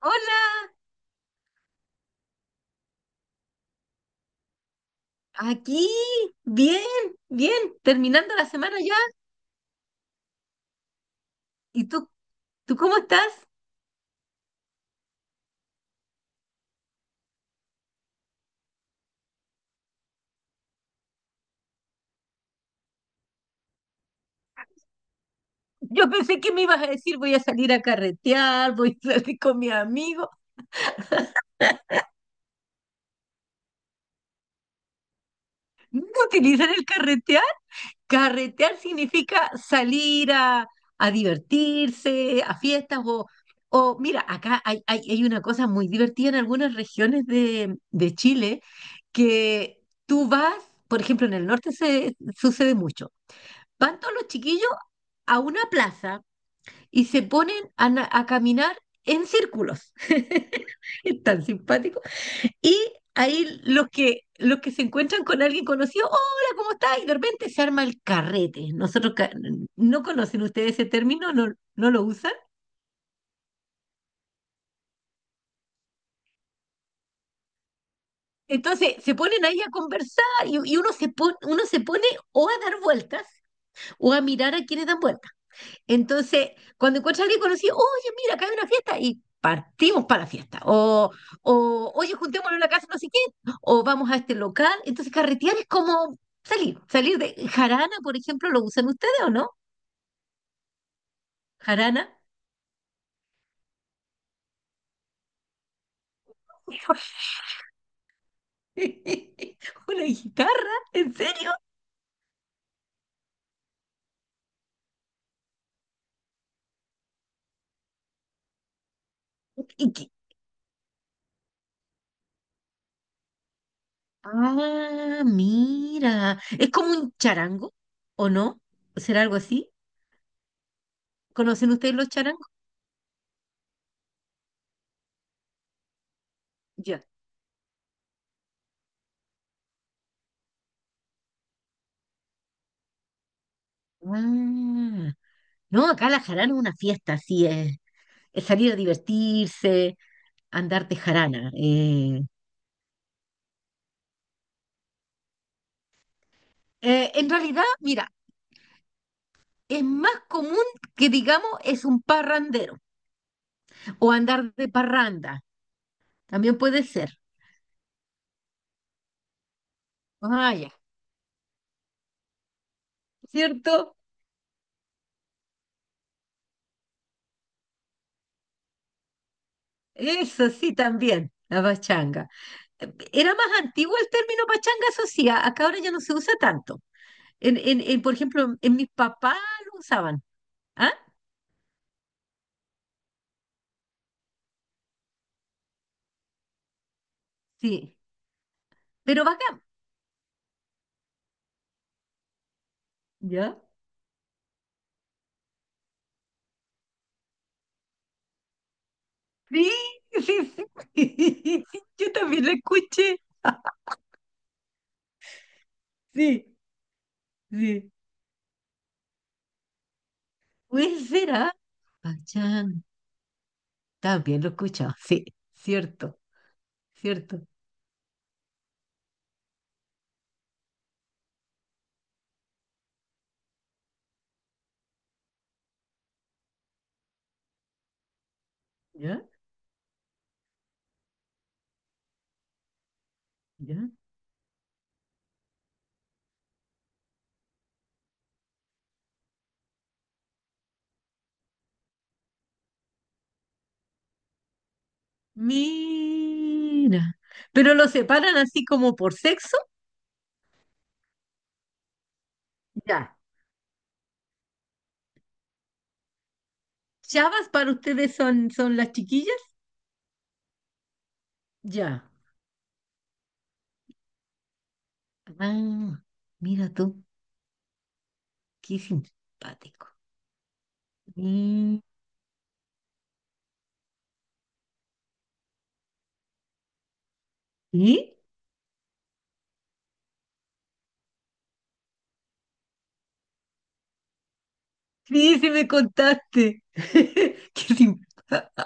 Hola, aquí, bien, bien, terminando la semana ya. ¿Y tú cómo estás? Yo pensé que me ibas a decir voy a salir a carretear, voy a salir con mi amigo. ¿No utilizar el carretear? Carretear significa salir a divertirse, a fiestas o mira, acá hay, hay una cosa muy divertida en algunas regiones de Chile que tú vas, por ejemplo, en el norte se sucede mucho. Van todos los chiquillos a una plaza y se ponen a, a caminar en círculos. Es tan simpático. Y ahí los que se encuentran con alguien conocido, hola, ¿cómo estás? Y de repente se arma el carrete. No conocen ustedes ese término, no, no lo usan. Entonces se ponen ahí a conversar y uno se pone o a dar vueltas o a mirar a quienes dan vueltas. Entonces, cuando encuentras a alguien conocido, oye, mira, acá hay una fiesta y partimos para la fiesta. O oye, juntémonos en la casa, no sé qué, o vamos a este local. Entonces, carretear es como salir de jarana, por ejemplo, ¿lo usan ustedes o no? Jarana. Una guitarra, ¿en serio? ¿Y qué? Ah, mira, es como un charango, ¿o no? ¿Será algo así? ¿Conocen ustedes los charangos? Ya. Ah. No, acá la jarana es una fiesta, así es salir a divertirse, andar de jarana. En realidad, mira, es más común que digamos es un parrandero o andar de parranda, también puede ser. Ah, ya, ¿cierto? Eso sí, también, la pachanga. Era más antiguo el término pachanga, eso sí, acá ahora ya no se usa tanto. En, por ejemplo, en mis papás lo usaban. ¿Ah? Sí, pero bacán, ¿ya? Sí, sí, sí. Yo también la escuché. Sí, sí. Puede ser, ¿ah? Pachán. También lo he escuchado. Sí, cierto, cierto. ¿Ya? ¿Ya? Mira. ¿Pero lo separan así como por sexo? Ya. ¿Chavas para ustedes son, son las chiquillas? Ya. Ah, mira tú, qué simpático. Mm. ¿Y? Sí, sí me contaste. Qué simpático.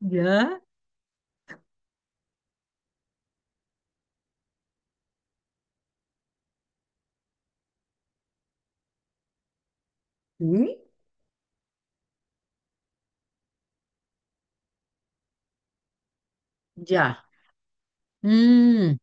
¿Ya? ¿Sí? Ya. Mm,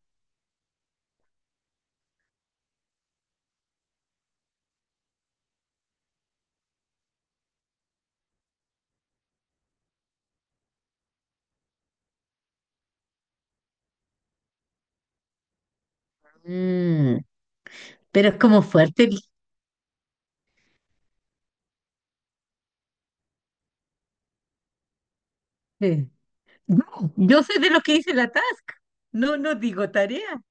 mm. Pero es como fuerte. Eh. No, yo sé de lo que dice la task. No, no digo tarea.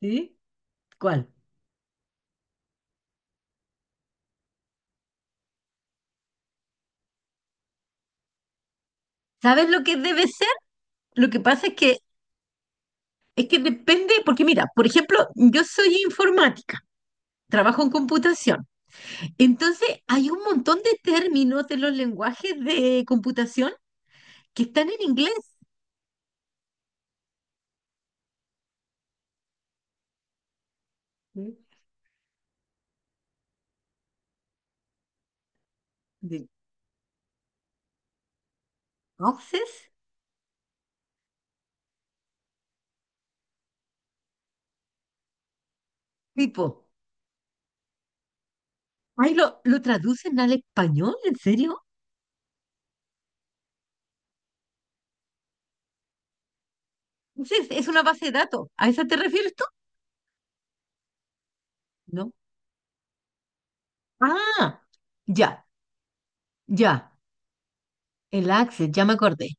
¿Sí? ¿Cuál? ¿Sabes lo que debe ser? Lo que pasa es que depende, porque mira, por ejemplo, yo soy informática, trabajo en computación. Entonces, hay un montón de términos de los lenguajes de computación que están en inglés. Sí. De- Entonces, tipo, ay, lo traducen al español, ¿en serio? Sí, es una base de datos. ¿A esa te refieres tú? No. Ah, ya, ya, el Access, ya me acordé.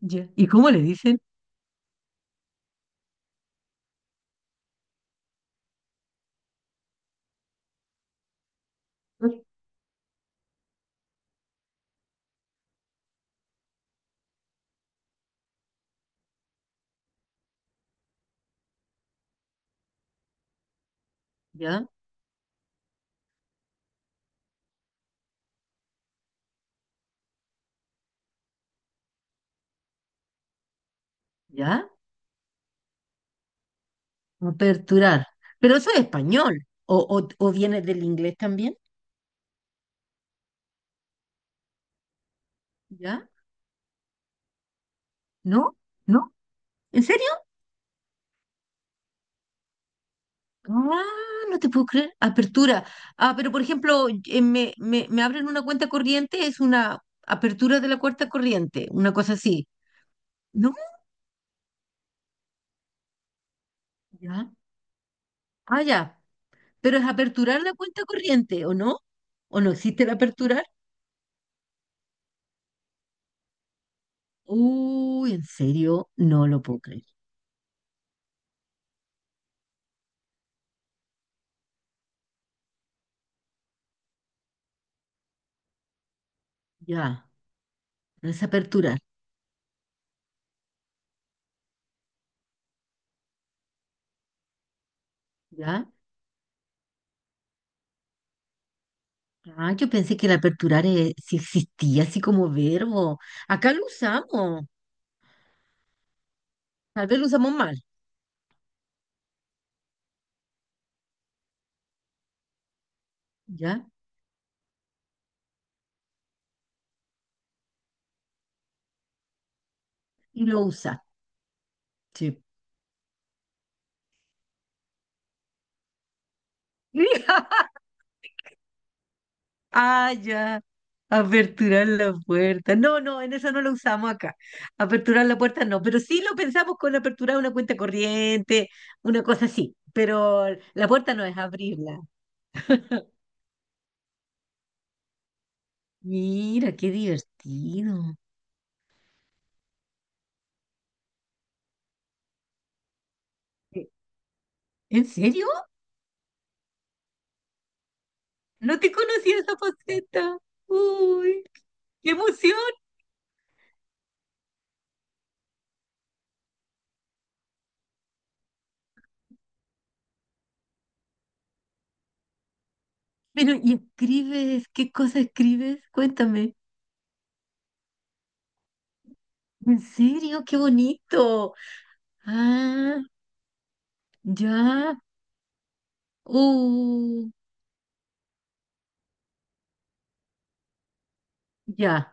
Ya. ¿Y cómo le dicen? Ya, ya, aperturar. Pero eso es español. O viene del inglés también? ¿Ya? ¿No? ¿No? ¿En serio? Ah, no te puedo creer. Apertura. Ah, pero por ejemplo, me abren una cuenta corriente, es una apertura de la cuenta corriente, una cosa así. ¿No? Ya. Ah, ya. Pero es aperturar la cuenta corriente, ¿o no? ¿O no existe el aperturar? Uy, en serio, no lo puedo creer. Ya, no es aperturar, ¿ya? Ah, yo pensé que el aperturar sí existía así como verbo. Acá lo usamos, tal vez lo usamos mal, ¿ya? Y lo usa, sí. Ah, ya. Aperturar la puerta. No, no, en eso no lo usamos acá. Aperturar la puerta no, pero sí lo pensamos con aperturar una cuenta corriente, una cosa así. Pero la puerta no es abrirla. Mira, qué divertido. Eh, ¿En serio? No te conocía esa faceta. Uy, qué emoción. Pero, ¿y escribes? ¿Qué cosa escribes? Cuéntame. ¿En serio? ¡Qué bonito! Ah, ya. Uh, ya.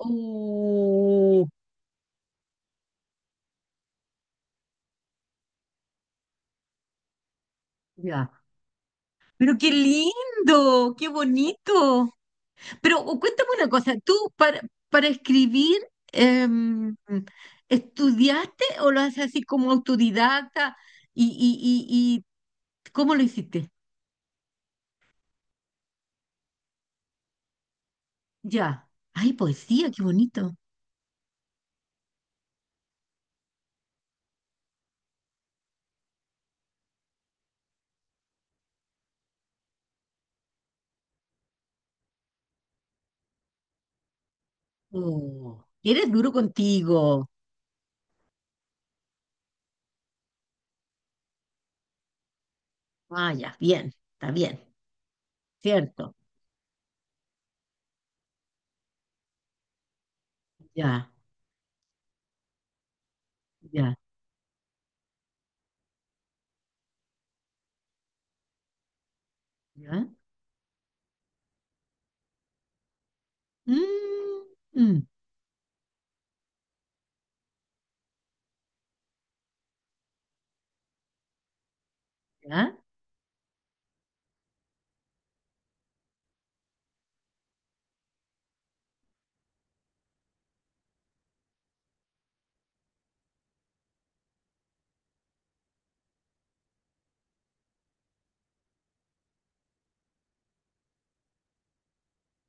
Oh, ya. Pero qué lindo, qué bonito. Pero o cuéntame una cosa, para escribir em, ¿estudiaste o lo haces así como autodidacta? ¿Y, y, y, ¿y cómo lo hiciste? Ya. Ay, poesía, qué bonito. Oh, eres duro contigo. Ah, ya, bien, está bien, cierto. Ya, ya, ya. Mm, mm, ya.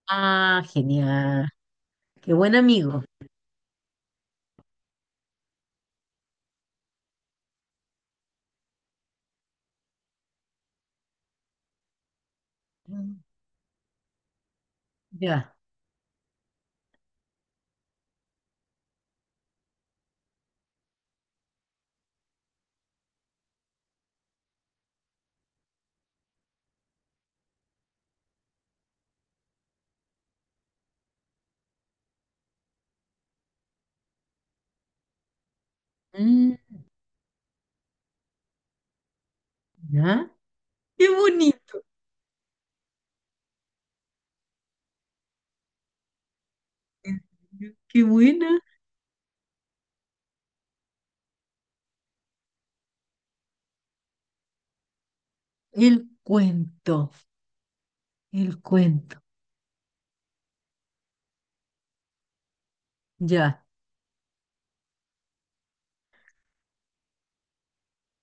Ah, genial. Qué buen amigo. Mm. Ya. Mm, ya. Qué bonito. En serio, qué buena. El cuento. El cuento. Ya.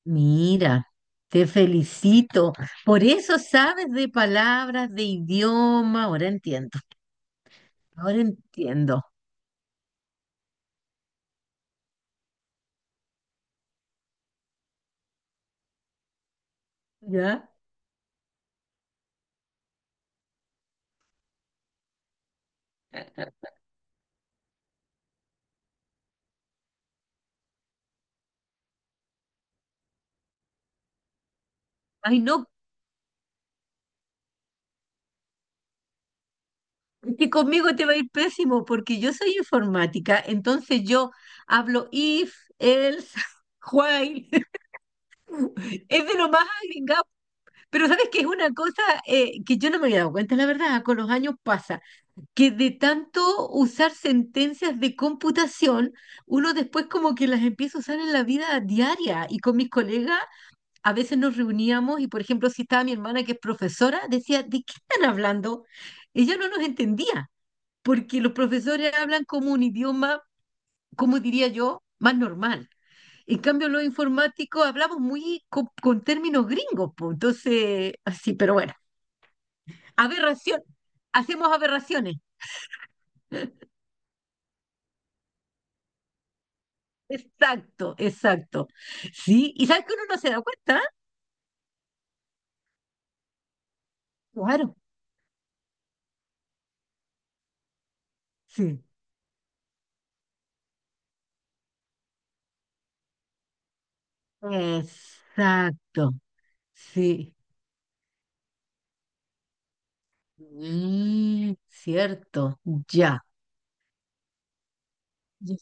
Mira. Te felicito. Por eso sabes de palabras, de idioma. Ahora entiendo. Ahora entiendo. ¿Ya? Ay, no, es que conmigo te va a ir pésimo porque yo soy informática, entonces yo hablo if, else, while. Es de lo más agringado. Pero sabes que es una cosa que yo no me había dado cuenta, la verdad, con los años pasa, que de tanto usar sentencias de computación, uno después como que las empieza a usar en la vida diaria. Y con mis colegas a veces nos reuníamos y, por ejemplo, si estaba mi hermana que es profesora, decía, ¿de qué están hablando? Ella no nos entendía, porque los profesores hablan como un idioma, como diría yo, más normal. En cambio, los informáticos hablamos muy con términos gringos, pues, entonces, así, pero bueno. Aberración. Hacemos aberraciones. Exacto, exacto. Sí, y sabes que uno no se da cuenta, ¿eh? Claro. Sí. Exacto. Sí. Mm, cierto. Ya. Ya.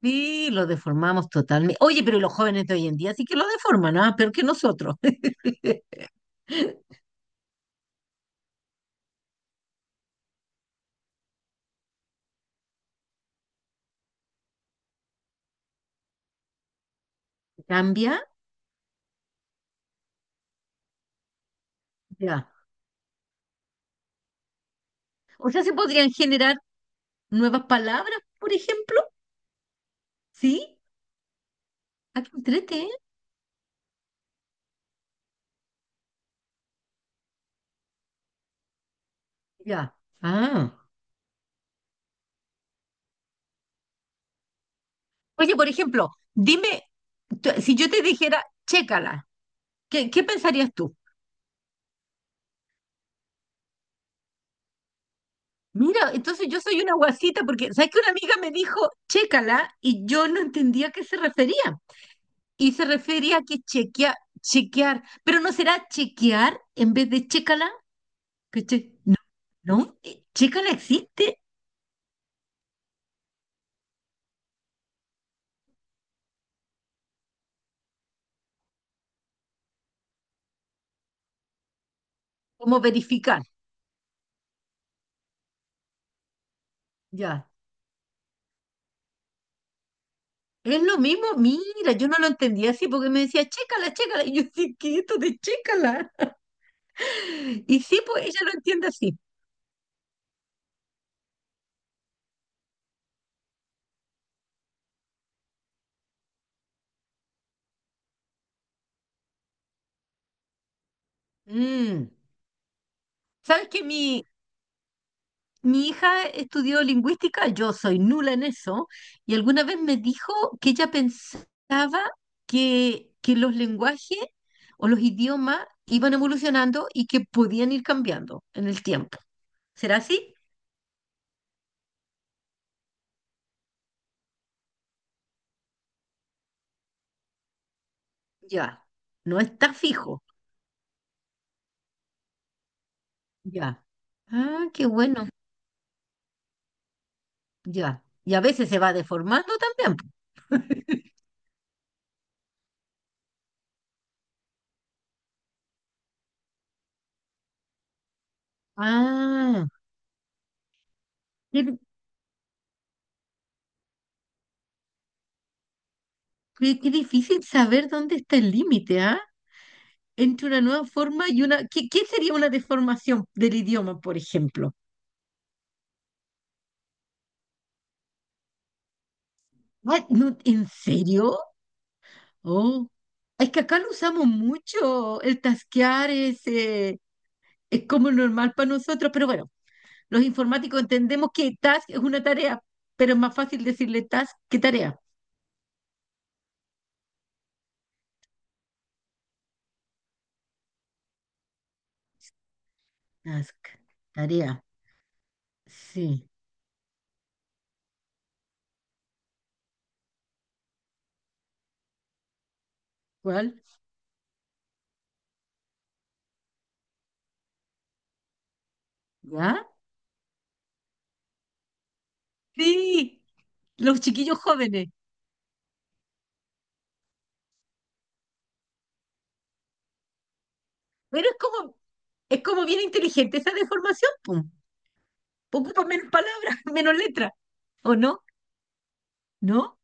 Sí, lo deformamos totalmente. Oye, pero los jóvenes de hoy en día sí que lo deforman, ¿ah? Peor que nosotros. ¿Cambia? Ya. O sea, se podrían generar nuevas palabras, por ejemplo. ¿Sí? Ah, qué entrete, ¿eh? Ya. Ah. Oye, por ejemplo, dime, si yo te dijera, chécala, ¿qué, qué pensarías tú? Mira, entonces yo soy una guasita porque, ¿sabes que una amiga me dijo, chécala? Y yo no entendía a qué se refería. Y se refería a que chequea, chequear, pero no será chequear en vez de chécala, ¿cachai? No, no, chécala existe como verificar, ya. Es lo mismo, mira, yo no lo entendía así porque me decía, chécala, chécala. Y yo decía, ¿qué es esto de chécala? Y sí, pues ella lo entiende así. Mm. ¿Sabes que mi hija estudió lingüística? Yo soy nula en eso. Y alguna vez me dijo que ella pensaba que los lenguajes o los idiomas iban evolucionando y que podían ir cambiando en el tiempo. ¿Será así? Ya. No está fijo. Ya. Ah, qué bueno. Ya. Y a veces se va deformando también. Po. Ah, qué, qué difícil saber dónde está el límite, ¿ah? Entre una nueva forma y una... ¿Qué, qué sería una deformación del idioma, por ejemplo? Ah, no, ¿en serio? Oh, es que acá lo usamos mucho. El tasquear es como normal para nosotros, pero bueno, los informáticos entendemos que task es una tarea, pero es más fácil decirle task que tarea. Task, tarea, sí. ¿Cuál? ¿Ya? Sí, los chiquillos jóvenes. Pero es como bien inteligente esa deformación, pum. Ocupa menos palabras, menos letras, ¿o no? ¿No?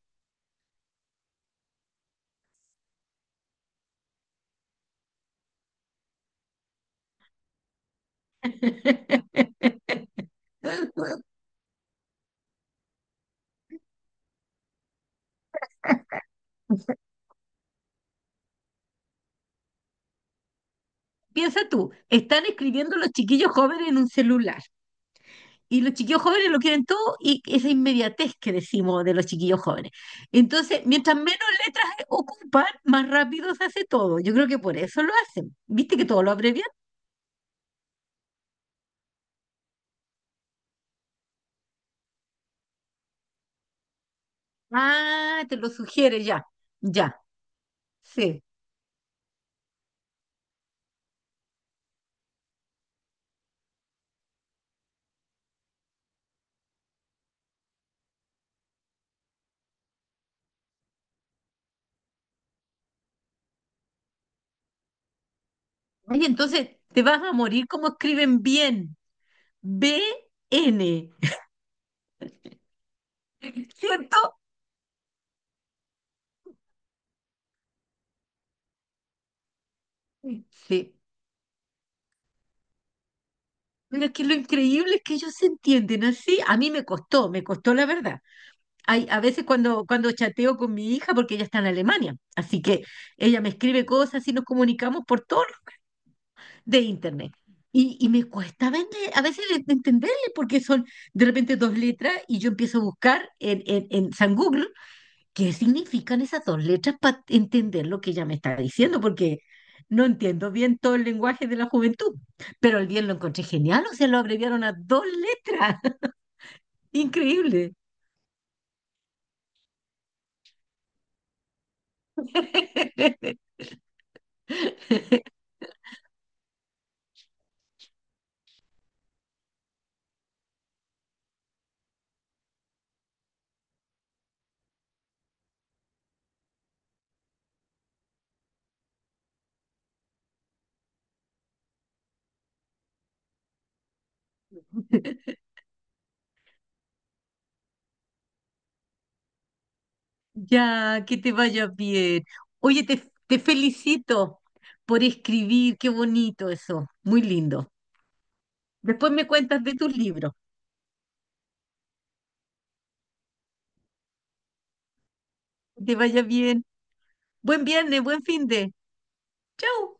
Piensa tú, están escribiendo los chiquillos jóvenes en un celular y los chiquillos jóvenes lo quieren todo y esa inmediatez que decimos de los chiquillos jóvenes. Entonces, mientras menos letras ocupan, más rápido se hace todo. Yo creo que por eso lo hacen. ¿Viste que todo lo abrevian? Ah, te lo sugiere ya, ya, sí. Oye, entonces te vas a morir como escriben bien. B-N. ¿Cierto? Sí. Pero es que lo increíble es que ellos se entienden así. A mí me costó la verdad. Hay, a veces cuando chateo con mi hija, porque ella está en Alemania, así que ella me escribe cosas y nos comunicamos por todo de internet. Y me cuesta a veces de entenderle porque son de repente dos letras y yo empiezo a buscar en San Google. ¿Qué significan esas dos letras para entender lo que ella me está diciendo? Porque no entiendo bien todo el lenguaje de la juventud, pero el bien lo encontré genial, o sea, lo abreviaron a dos letras. Increíble. Ya, que te vaya bien. Oye, te felicito por escribir, qué bonito eso, muy lindo. Después me cuentas de tus libros. Que te vaya bien. Buen viernes, buen fin de. Chau.